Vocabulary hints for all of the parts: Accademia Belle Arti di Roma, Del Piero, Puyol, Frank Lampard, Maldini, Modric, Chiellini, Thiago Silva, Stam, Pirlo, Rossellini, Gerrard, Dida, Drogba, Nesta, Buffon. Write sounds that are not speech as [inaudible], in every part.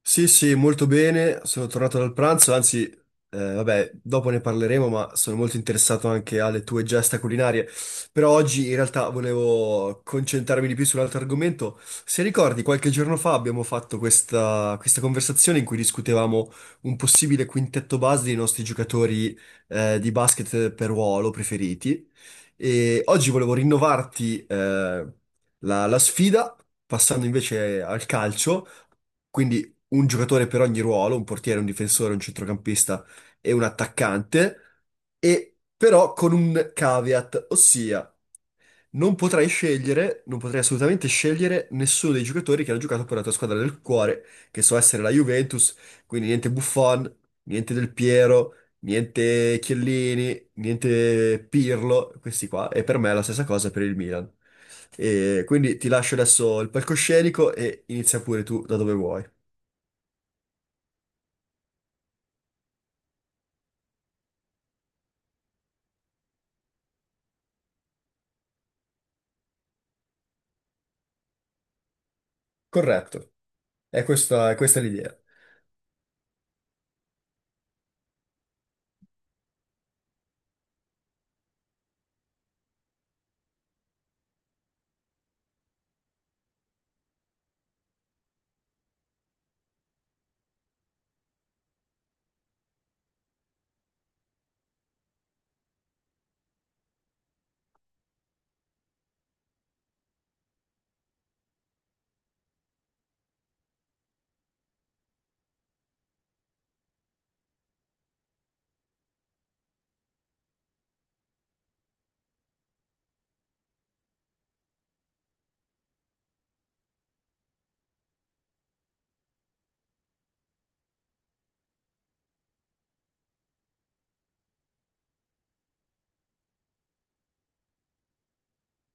Sì, sì, molto bene, sono tornato dal pranzo, anzi, dopo ne parleremo, ma sono molto interessato anche alle tue gesta culinarie. Però oggi in realtà volevo concentrarmi di più sull'altro argomento. Se ricordi, qualche giorno fa abbiamo fatto questa conversazione in cui discutevamo un possibile quintetto base dei nostri giocatori, di basket per ruolo preferiti. E oggi volevo rinnovarti, la sfida, passando invece al calcio, quindi un giocatore per ogni ruolo: un portiere, un difensore, un centrocampista e un attaccante. E però con un caveat, ossia non potrai scegliere, non potrai assolutamente scegliere nessuno dei giocatori che hanno giocato per la tua squadra del cuore, che so essere la Juventus, quindi niente Buffon, niente Del Piero, niente Chiellini, niente Pirlo, questi qua, e per me è la stessa cosa per il Milan. E quindi ti lascio adesso il palcoscenico e inizia pure tu da dove vuoi. Corretto. È questa l'idea.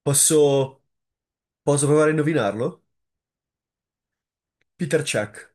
Posso, posso provare a indovinarlo? Peter Check.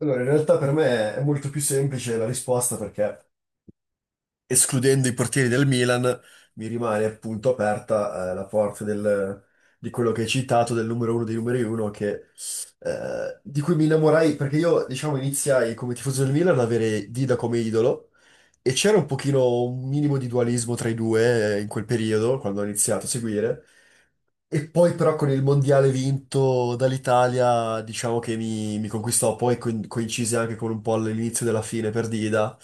Allora, in realtà per me è molto più semplice la risposta perché, escludendo i portieri del Milan, mi rimane appunto aperta, la porta di quello che hai citato, del numero uno dei numeri uno, che, di cui mi innamorai, perché io, diciamo, iniziai come tifoso del Milan ad avere Dida come idolo, e c'era un pochino, un minimo di dualismo tra i due, in quel periodo, quando ho iniziato a seguire, e poi però con il mondiale vinto dall'Italia, diciamo che mi conquistò, poi coincise anche con un po' l'inizio della fine per Dida,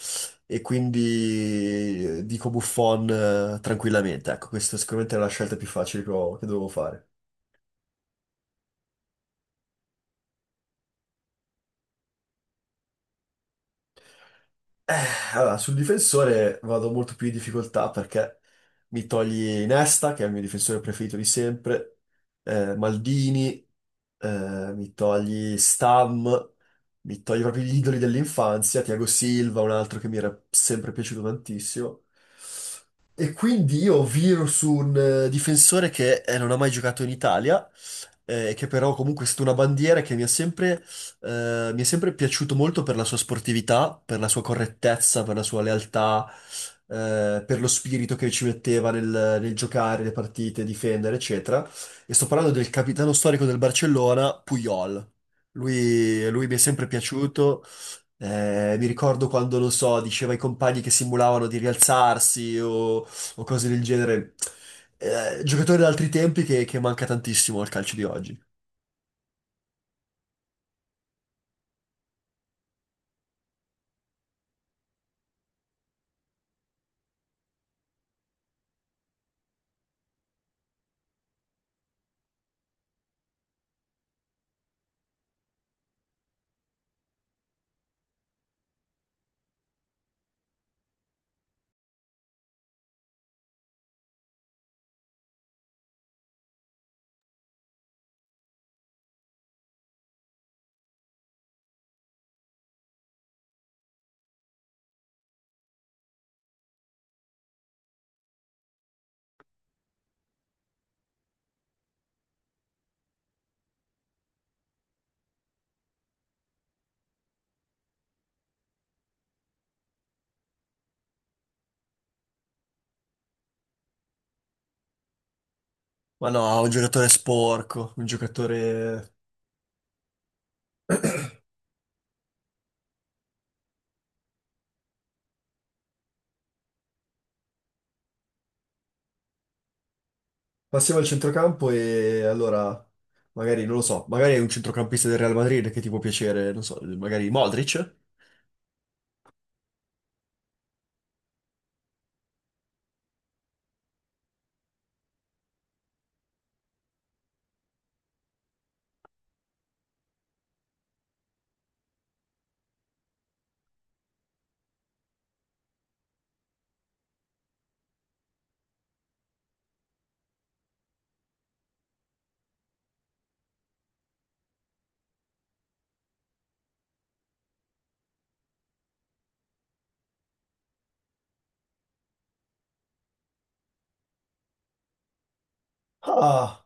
e quindi dico Buffon, tranquillamente. Ecco, questa sicuramente è la scelta più facile che dovevo fare. Eh, allora, sul difensore vado molto più in difficoltà perché mi togli Nesta, che è il mio difensore preferito di sempre, Maldini, mi togli Stam, mi togli proprio gli idoli dell'infanzia, Thiago Silva, un altro che mi era sempre piaciuto tantissimo. E quindi io viro su un difensore che non ha mai giocato in Italia, che però comunque è stata una bandiera che mi ha sempre, mi è sempre piaciuto molto per la sua sportività, per la sua correttezza, per la sua lealtà, per lo spirito che ci metteva nel giocare le partite, difendere, eccetera. E sto parlando del capitano storico del Barcellona, Puyol. Lui mi è sempre piaciuto. Mi ricordo quando, non so, diceva ai compagni che simulavano di rialzarsi o cose del genere. Giocatori di altri tempi che manca tantissimo al calcio di oggi. Ma no, un giocatore sporco, un giocatore... Passiamo al centrocampo e allora, magari, non lo so, magari è un centrocampista del Real Madrid che ti può piacere, non so, magari Modric? Ah,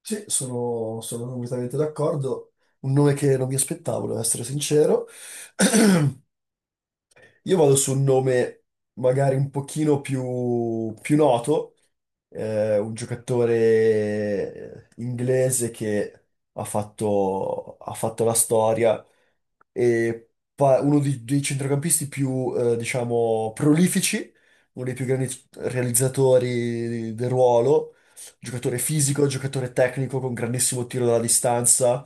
sì, sono completamente d'accordo. Un nome che non mi aspettavo, devo essere sincero. [clears throat] Io vado su un nome magari un pochino più noto, un giocatore inglese che ha fatto la storia e dei centrocampisti più, diciamo, prolifici, uno dei più grandi realizzatori del ruolo, giocatore fisico, giocatore tecnico con grandissimo tiro dalla distanza,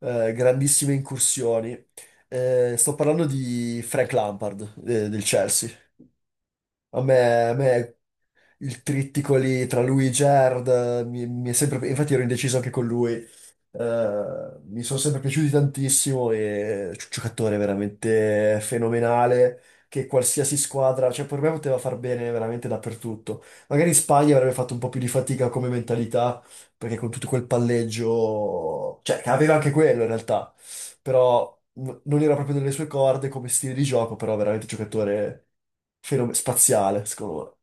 grandissime incursioni. Sto parlando di Frank Lampard, del Chelsea. A me il trittico lì tra lui e Gerrard, mi è sempre... Infatti ero indeciso anche con lui. Mi sono sempre piaciuti tantissimo e è un giocatore veramente fenomenale che qualsiasi squadra, cioè per me poteva far bene veramente dappertutto. Magari in Spagna avrebbe fatto un po' più di fatica come mentalità, perché con tutto quel palleggio, cioè che aveva anche quello in realtà, però non era proprio nelle sue corde come stile di gioco, però veramente un giocatore spaziale, secondo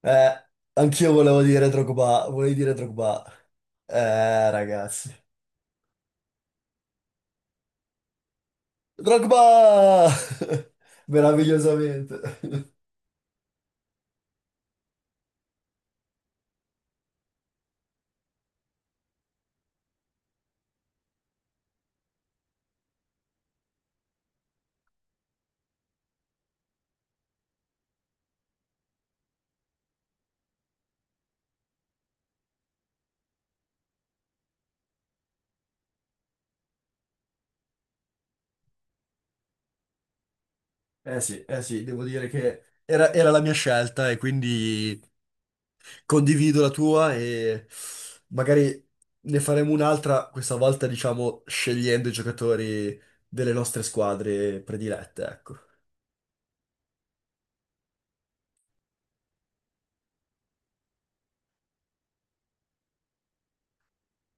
me. Anch'io volevo dire Drogba, volevo dire Drogba. Ragazzi. Drogba! [laughs] Meravigliosamente. Sì, eh sì, devo dire era la mia scelta e quindi condivido la tua e magari ne faremo un'altra, questa volta diciamo scegliendo i giocatori delle nostre squadre predilette, ecco.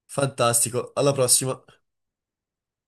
Fantastico, alla prossima.